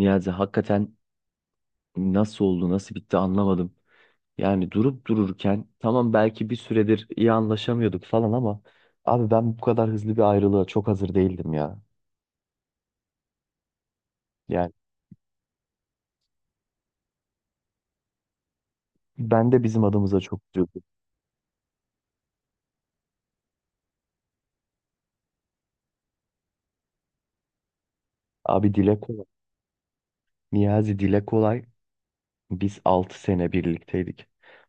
Niyazi hakikaten nasıl oldu, nasıl bitti anlamadım. Yani durup dururken tamam belki bir süredir iyi anlaşamıyorduk falan, ama abi ben bu kadar hızlı bir ayrılığa çok hazır değildim ya. Yani ben de bizim adımıza çok üzüldüm. Abi, dile kolay. Niyazi, dile kolay. Biz 6 sene birlikteydik.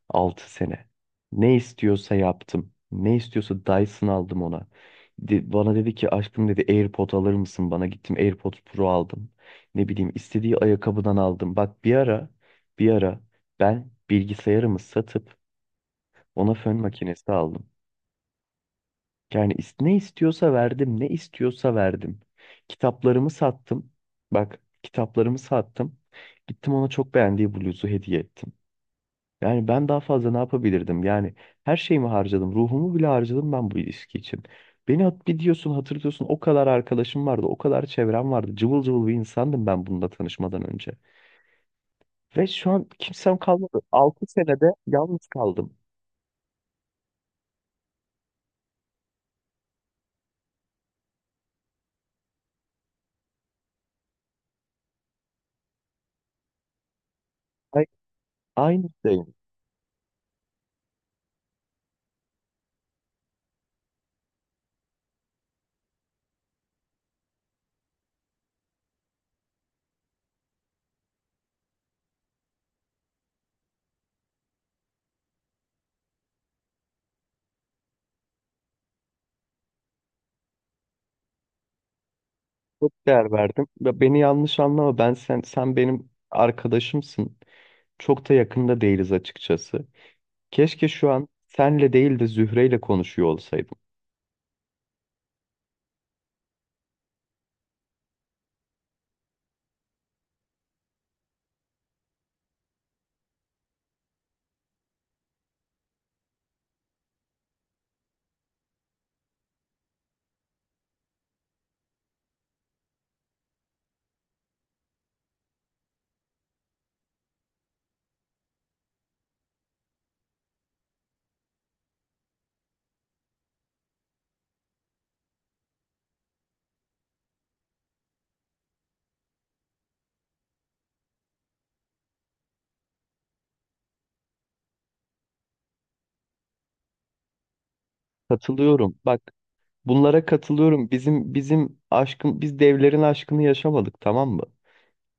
6 sene. Ne istiyorsa yaptım. Ne istiyorsa Dyson aldım ona. Bana dedi ki aşkım dedi, AirPod alır mısın bana? Gittim, AirPod Pro aldım. Ne bileyim, istediği ayakkabıdan aldım. Bak, bir ara ben bilgisayarımı satıp ona fön makinesi aldım. Yani ne istiyorsa verdim, ne istiyorsa verdim. Kitaplarımı sattım. Bak, kitaplarımı sattım. Gittim, ona çok beğendiği bluzu hediye ettim. Yani ben daha fazla ne yapabilirdim? Yani her şeyimi harcadım. Ruhumu bile harcadım ben bu ilişki için. Beni bir diyorsun, hatırlıyorsun, o kadar arkadaşım vardı. O kadar çevrem vardı. Cıvıl cıvıl bir insandım ben bununla tanışmadan önce. Ve şu an kimsem kalmadı. 6 senede yalnız kaldım. Ay, aynı şey. Çok değer verdim. Ve beni yanlış anlama. Ben sen benim arkadaşımsın. Çok da yakında değiliz açıkçası. Keşke şu an senle değil de Zühre'yle konuşuyor olsaydım. Katılıyorum. Bak, bunlara katılıyorum. Biz devlerin aşkını yaşamadık, tamam mı?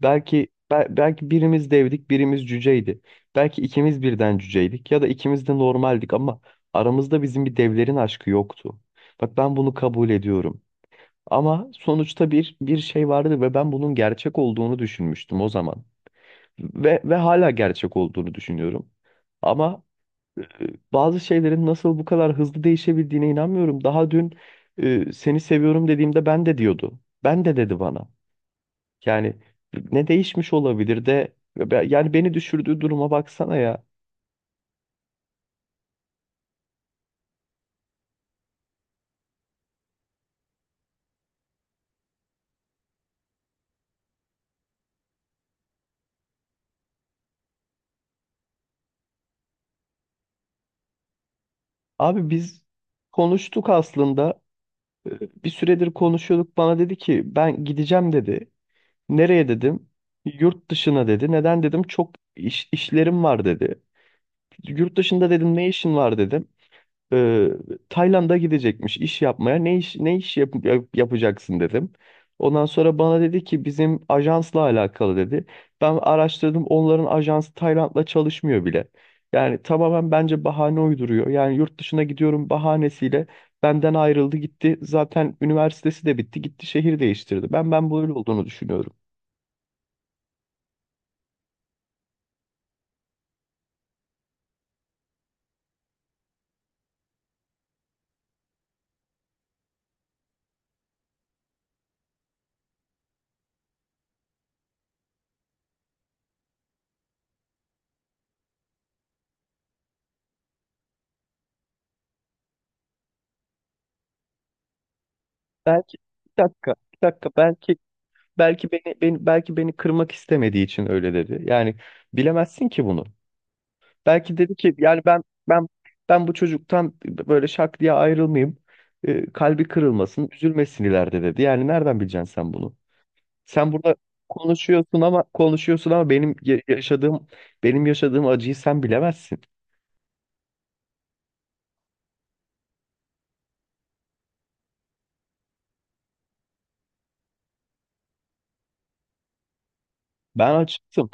Belki birimiz devdik, birimiz cüceydi. Belki ikimiz birden cüceydik ya da ikimiz de normaldik, ama aramızda bizim bir devlerin aşkı yoktu. Bak, ben bunu kabul ediyorum. Ama sonuçta bir şey vardı ve ben bunun gerçek olduğunu düşünmüştüm o zaman. Ve hala gerçek olduğunu düşünüyorum. Ama bazı şeylerin nasıl bu kadar hızlı değişebildiğine inanmıyorum. Daha dün seni seviyorum dediğimde ben de diyordu. Ben de dedi bana. Yani ne değişmiş olabilir de yani beni düşürdüğü duruma baksana ya. Abi, biz konuştuk aslında. Bir süredir konuşuyorduk. Bana dedi ki ben gideceğim dedi. Nereye dedim? Yurt dışına dedi. Neden dedim? Çok iş, işlerim var dedi. Yurt dışında dedim, ne işin var dedim. e, Tayland'a gidecekmiş iş yapmaya. Ne iş yapacaksın dedim. Ondan sonra bana dedi ki bizim ajansla alakalı dedi. Ben araştırdım, onların ajansı Tayland'la çalışmıyor bile. Yani tamamen bence bahane uyduruyor. Yani yurt dışına gidiyorum bahanesiyle benden ayrıldı, gitti. Zaten üniversitesi de bitti, gitti, şehir değiştirdi. Ben böyle olduğunu düşünüyorum. Belki, bir dakika, bir dakika, belki beni kırmak istemediği için öyle dedi. Yani bilemezsin ki bunu. Belki dedi ki yani ben ben bu çocuktan böyle şak diye ayrılmayayım. Kalbi kırılmasın, üzülmesin ileride dedi. Yani nereden bileceksin sen bunu? Sen burada konuşuyorsun ama benim yaşadığım acıyı sen bilemezsin. Ben açıktım.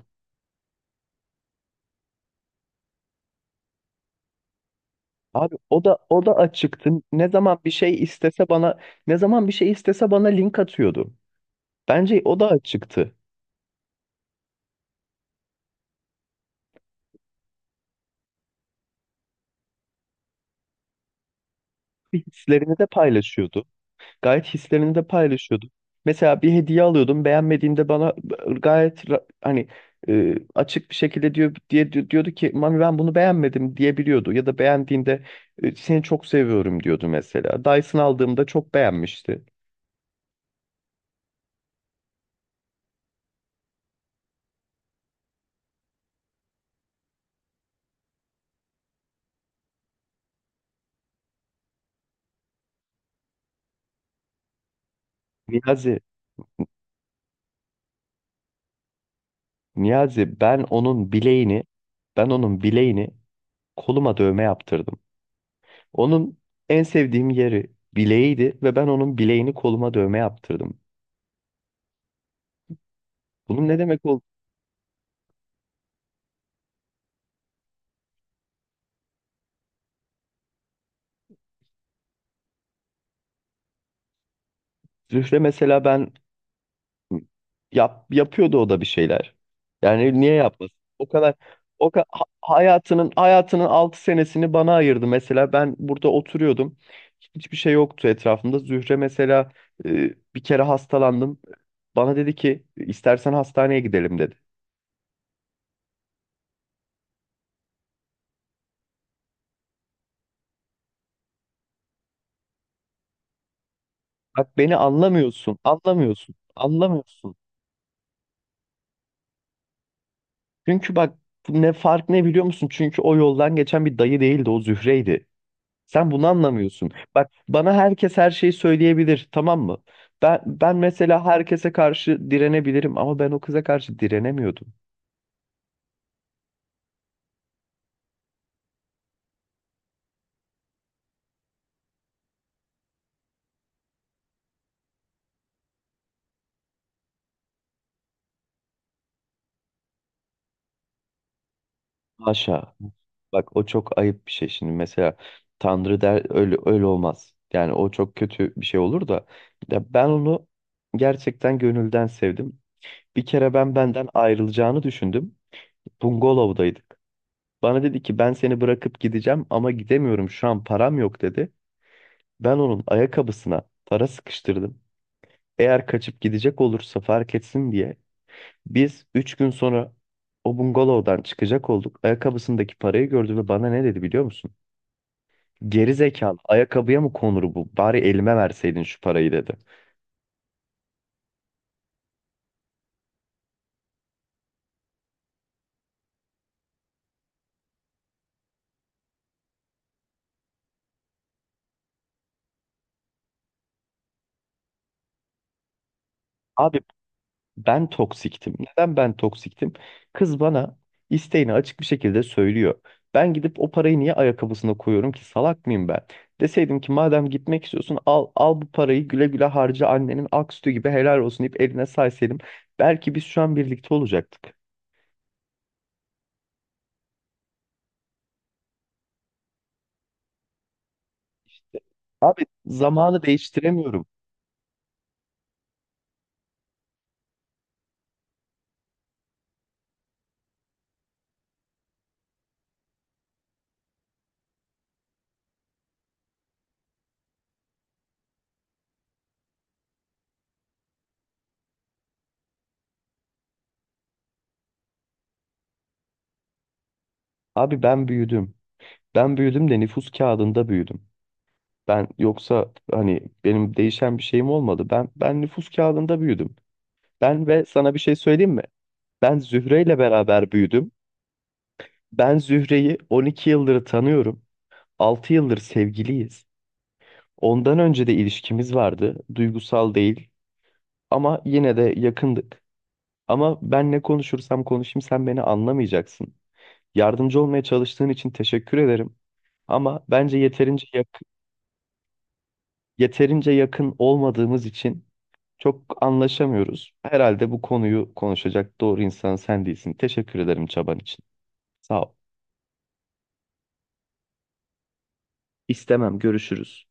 Abi, o da açıktı. Ne zaman bir şey istese bana link atıyordu. Bence o da açıktı. Hislerini de paylaşıyordu. Gayet hislerini de paylaşıyordu. Mesela bir hediye alıyordum, beğenmediğinde bana gayet hani, açık bir şekilde diyordu ki, Mami ben bunu beğenmedim diyebiliyordu, ya da beğendiğinde seni çok seviyorum diyordu mesela. Dyson aldığımda çok beğenmişti. Niyazi, Niyazi, ben onun bileğini koluma dövme yaptırdım. Onun en sevdiğim yeri bileğiydi ve ben onun bileğini koluma dövme yaptırdım. Bunun ne demek oldu? Zühre mesela ben. Hı. Yapıyordu o da bir şeyler. Yani niye yapmasın? O kadar o ka- ha- hayatının hayatının 6 senesini bana ayırdı mesela. Ben burada oturuyordum. Hiçbir şey yoktu etrafımda. Zühre mesela, bir kere hastalandım. Bana dedi ki istersen hastaneye gidelim dedi. Bak, beni anlamıyorsun, anlamıyorsun, anlamıyorsun. Çünkü bak, ne biliyor musun? Çünkü o yoldan geçen bir dayı değildi, o Zühre'ydi. Sen bunu anlamıyorsun. Bak, bana herkes her şeyi söyleyebilir, tamam mı? Ben mesela herkese karşı direnebilirim, ama ben o kıza karşı direnemiyordum. Haşa. Bak, o çok ayıp bir şey şimdi, mesela Tanrı der, öyle olmaz. Yani o çok kötü bir şey olur da, ya ben onu gerçekten gönülden sevdim. Bir kere ben benden ayrılacağını düşündüm. Bungalov'daydık. Bana dedi ki ben seni bırakıp gideceğim ama gidemiyorum şu an, param yok dedi. Ben onun ayakkabısına para sıkıştırdım. Eğer kaçıp gidecek olursa fark etsin diye. Biz 3 gün sonra o bungalovdan çıkacak olduk. Ayakkabısındaki parayı gördü ve bana ne dedi biliyor musun? Geri zekalı, ayakkabıya mı konur bu? Bari elime verseydin şu parayı dedi. Abi, ben toksiktim. Neden ben toksiktim? Kız bana isteğini açık bir şekilde söylüyor. Ben gidip o parayı niye ayakkabısına koyuyorum ki, salak mıyım ben? Deseydim ki madem gitmek istiyorsun, al al bu parayı, güle güle harca, annenin ak sütü gibi helal olsun, deyip eline saysaydım, belki biz şu an birlikte olacaktık. Abi, zamanı değiştiremiyorum. Abi, ben büyüdüm. Ben büyüdüm de nüfus kağıdında büyüdüm. Ben yoksa hani benim değişen bir şeyim olmadı. Ben nüfus kağıdında büyüdüm. Ve sana bir şey söyleyeyim mi? Ben Zühre ile beraber büyüdüm. Ben Zühre'yi 12 yıldır tanıyorum. 6 yıldır sevgiliyiz. Ondan önce de ilişkimiz vardı. Duygusal değil ama yine de yakındık. Ama ben ne konuşursam konuşayım sen beni anlamayacaksın. Yardımcı olmaya çalıştığın için teşekkür ederim. Ama bence yeterince yakın olmadığımız için çok anlaşamıyoruz. Herhalde bu konuyu konuşacak doğru insan sen değilsin. Teşekkür ederim çaban için. Sağ ol. İstemem, görüşürüz.